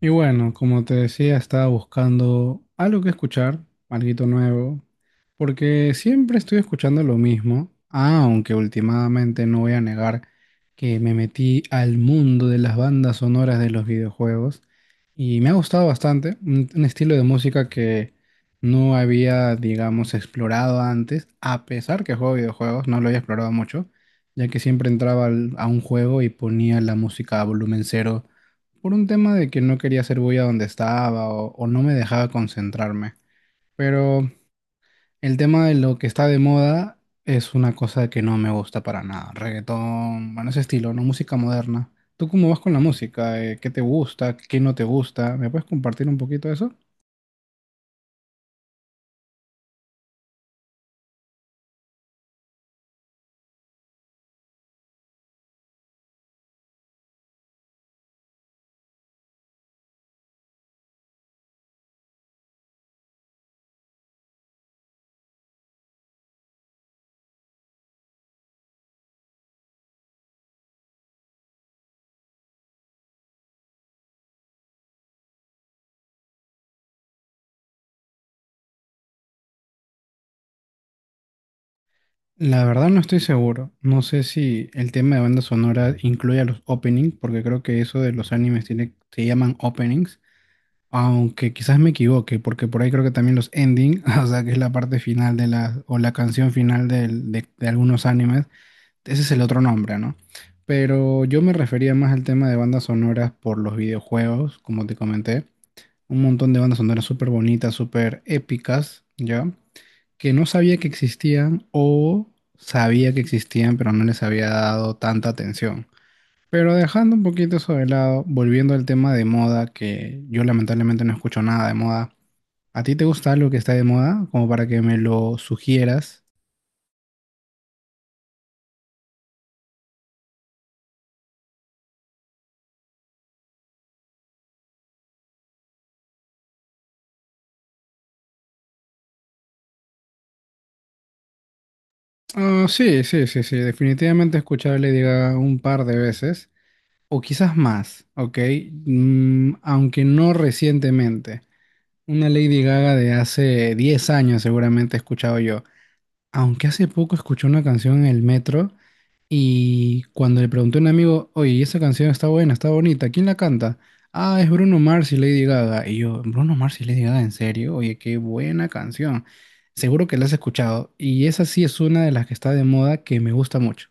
Y bueno, como te decía, estaba buscando algo que escuchar, algo nuevo, porque siempre estoy escuchando lo mismo, aunque últimamente no voy a negar que me metí al mundo de las bandas sonoras de los videojuegos y me ha gustado bastante, un estilo de música que no había, digamos, explorado antes, a pesar que juego videojuegos, no lo había explorado mucho, ya que siempre entraba a un juego y ponía la música a volumen cero por un tema de que no quería hacer bulla donde estaba o no me dejaba concentrarme. Pero el tema de lo que está de moda es una cosa que no me gusta para nada. Reggaetón, bueno, ese estilo, ¿no? Música moderna. ¿Tú cómo vas con la música? ¿Qué te gusta? ¿Qué no te gusta? ¿Me puedes compartir un poquito de eso? La verdad no estoy seguro. No sé si el tema de banda sonora incluye a los openings, porque creo que eso de los animes tiene, se llaman openings. Aunque quizás me equivoque, porque por ahí creo que también los ending, o sea, que es la parte final de la, o la canción final de algunos animes, ese es el otro nombre, ¿no? Pero yo me refería más al tema de bandas sonoras por los videojuegos, como te comenté, un montón de bandas sonoras súper bonitas, súper épicas, ¿ya? Que no sabía que existían o sabía que existían, pero no les había dado tanta atención. Pero dejando un poquito eso de lado, volviendo al tema de moda, que yo lamentablemente no escucho nada de moda. ¿A ti te gusta algo que está de moda? Como para que me lo sugieras. Ah, sí, sí, sí, sí. Definitivamente escuchar Lady Gaga un par de veces. O quizás más, ¿ok? Aunque no recientemente. Una Lady Gaga de hace 10 años seguramente he escuchado yo. Aunque hace poco escuché una canción en el metro. Y cuando le pregunté a un amigo, oye, ¿y esa canción está buena, está bonita, ¿quién la canta? Ah, es Bruno Mars y Lady Gaga. Y yo, Bruno Mars y Lady Gaga, ¿en serio? Oye, qué buena canción. Seguro que la has escuchado. Y esa sí es una de las que está de moda que me gusta mucho.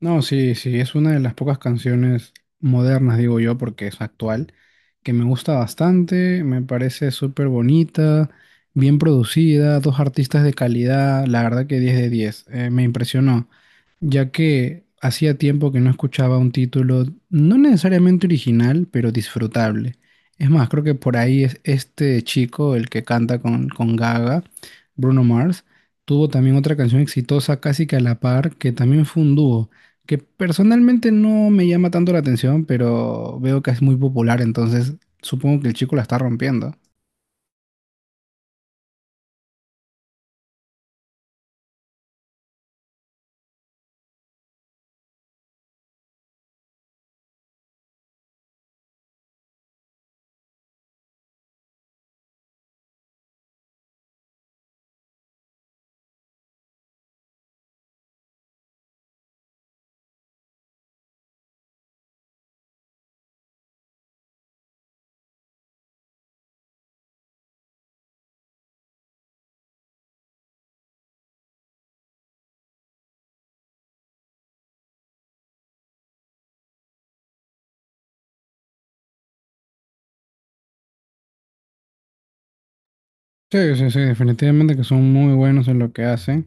No, sí, sí, es una de las pocas canciones modernas, digo yo, porque es actual, que me gusta bastante, me parece súper bonita, bien producida, dos artistas de calidad, la verdad que 10 de 10, me impresionó, ya que hacía tiempo que no escuchaba un título no necesariamente original, pero disfrutable. Es más, creo que por ahí es este chico, el que canta con Gaga, Bruno Mars, tuvo también otra canción exitosa casi que a la par, que también fue un dúo que personalmente no me llama tanto la atención, pero veo que es muy popular, entonces supongo que el chico la está rompiendo. Sí, sí, sí, definitivamente que son muy buenos en lo que hacen.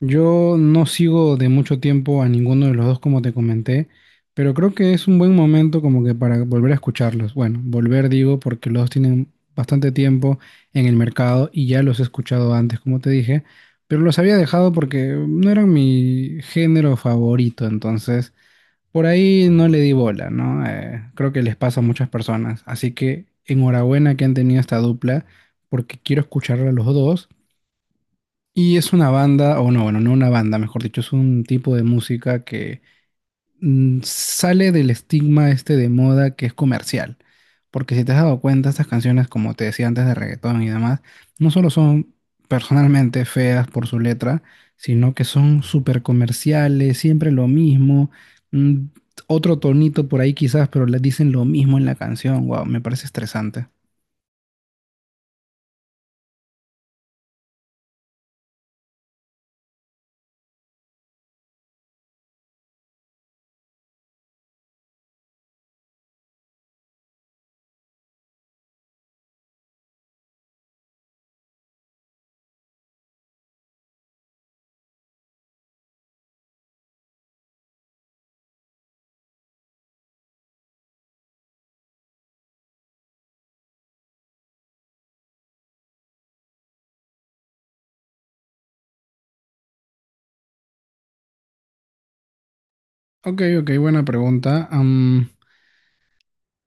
Yo no sigo de mucho tiempo a ninguno de los dos, como te comenté, pero creo que es un buen momento como que para volver a escucharlos. Bueno, volver digo porque los dos tienen bastante tiempo en el mercado y ya los he escuchado antes, como te dije, pero los había dejado porque no eran mi género favorito, entonces por ahí no le di bola, ¿no? Creo que les pasa a muchas personas. Así que enhorabuena que han tenido esta dupla, porque quiero escucharla a los dos. Y es una banda, o no, bueno, no una banda, mejor dicho, es un tipo de música que sale del estigma este de moda que es comercial. Porque si te has dado cuenta, estas canciones, como te decía antes de reggaetón y demás, no solo son personalmente feas por su letra, sino que son súper comerciales, siempre lo mismo, mm, otro tonito por ahí quizás, pero le dicen lo mismo en la canción. Wow, me parece estresante. Ok, ok, buena pregunta.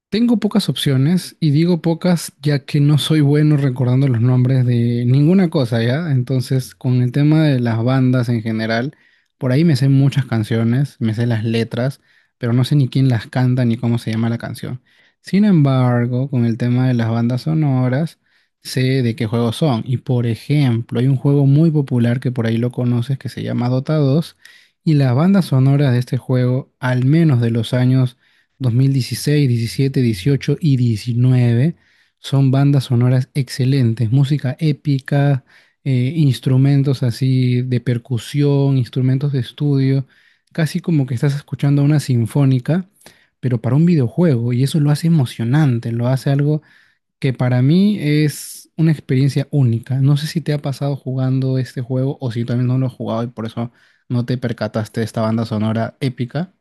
Tengo pocas opciones y digo pocas ya que no soy bueno recordando los nombres de ninguna cosa, ¿ya? Entonces, con el tema de las bandas en general, por ahí me sé muchas canciones, me sé las letras, pero no sé ni quién las canta ni cómo se llama la canción. Sin embargo, con el tema de las bandas sonoras, sé de qué juegos son. Y por ejemplo, hay un juego muy popular que por ahí lo conoces que se llama Dota 2 y las bandas sonoras de este juego, al menos de los años 2016, 2017, 2018 y 2019 son bandas sonoras excelentes, música épica, instrumentos así de percusión, instrumentos de estudio, casi como que estás escuchando una sinfónica, pero para un videojuego y eso lo hace emocionante, lo hace algo que para mí es una experiencia única. No sé si te ha pasado jugando este juego o si también no lo has jugado y por eso no te percataste de esta banda sonora épica.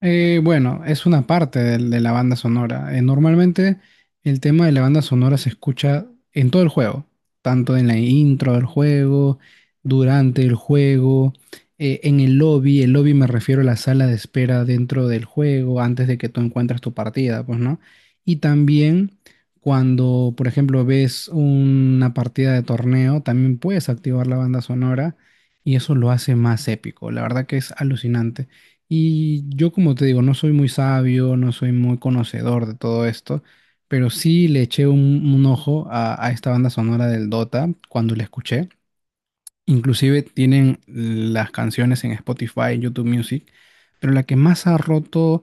Bueno, es una parte de la banda sonora. Normalmente el tema de la banda sonora se escucha en todo el juego, tanto en la intro del juego, durante el juego, en el lobby. El lobby me refiero a la sala de espera dentro del juego, antes de que tú encuentres tu partida, pues, ¿no? Y también cuando, por ejemplo, ves una partida de torneo, también puedes activar la banda sonora y eso lo hace más épico. La verdad que es alucinante. Y yo, como te digo, no soy muy sabio, no soy muy conocedor de todo esto, pero sí le eché un ojo a esta banda sonora del Dota cuando la escuché. Inclusive tienen las canciones en Spotify, YouTube Music, pero la que más ha roto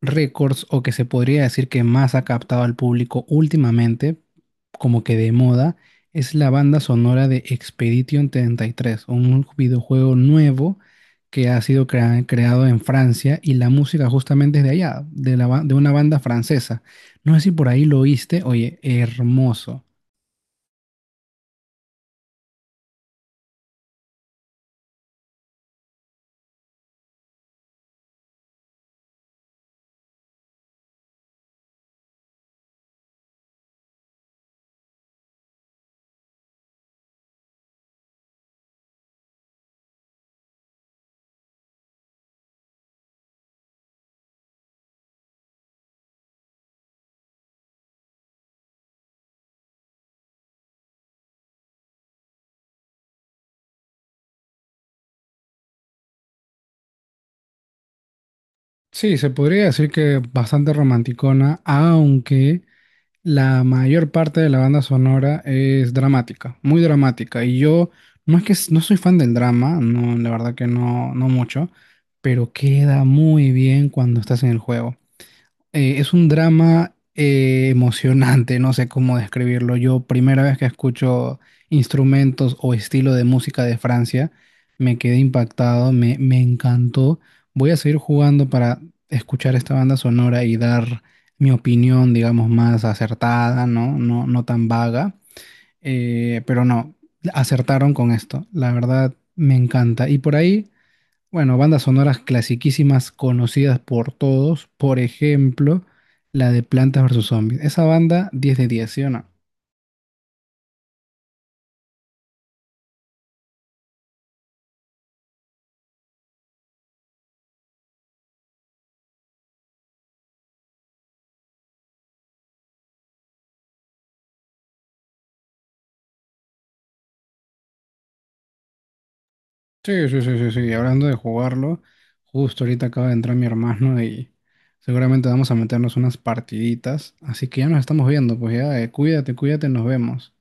récords o que se podría decir que más ha captado al público últimamente, como que de moda, es la banda sonora de Expedition 33, un videojuego nuevo que ha sido creado en Francia y la música justamente es de allá, de una banda francesa. No sé si por ahí lo oíste, oye, hermoso. Sí, se podría decir que bastante romanticona, aunque la mayor parte de la banda sonora es dramática, muy dramática. Y yo no es que no soy fan del drama, no, la verdad que no, no mucho, pero queda muy bien cuando estás en el juego, es un drama emocionante, no sé cómo describirlo. Yo, primera vez que escucho instrumentos o estilo de música de Francia, me quedé impactado, me encantó. Voy a seguir jugando para escuchar esta banda sonora y dar mi opinión, digamos, más acertada, ¿no? No, no tan vaga. Pero no, acertaron con esto. La verdad, me encanta. Y por ahí. Bueno, bandas sonoras clasiquísimas conocidas por todos. Por ejemplo, la de Plantas versus Zombies. Esa banda, 10 de 10, ¿sí o no? Sí, sí, sí, sí, sí. Hablando de jugarlo, justo ahorita acaba de entrar mi hermano y seguramente vamos a meternos unas partiditas. Así que ya nos estamos viendo, pues ya, cuídate, cuídate, nos vemos.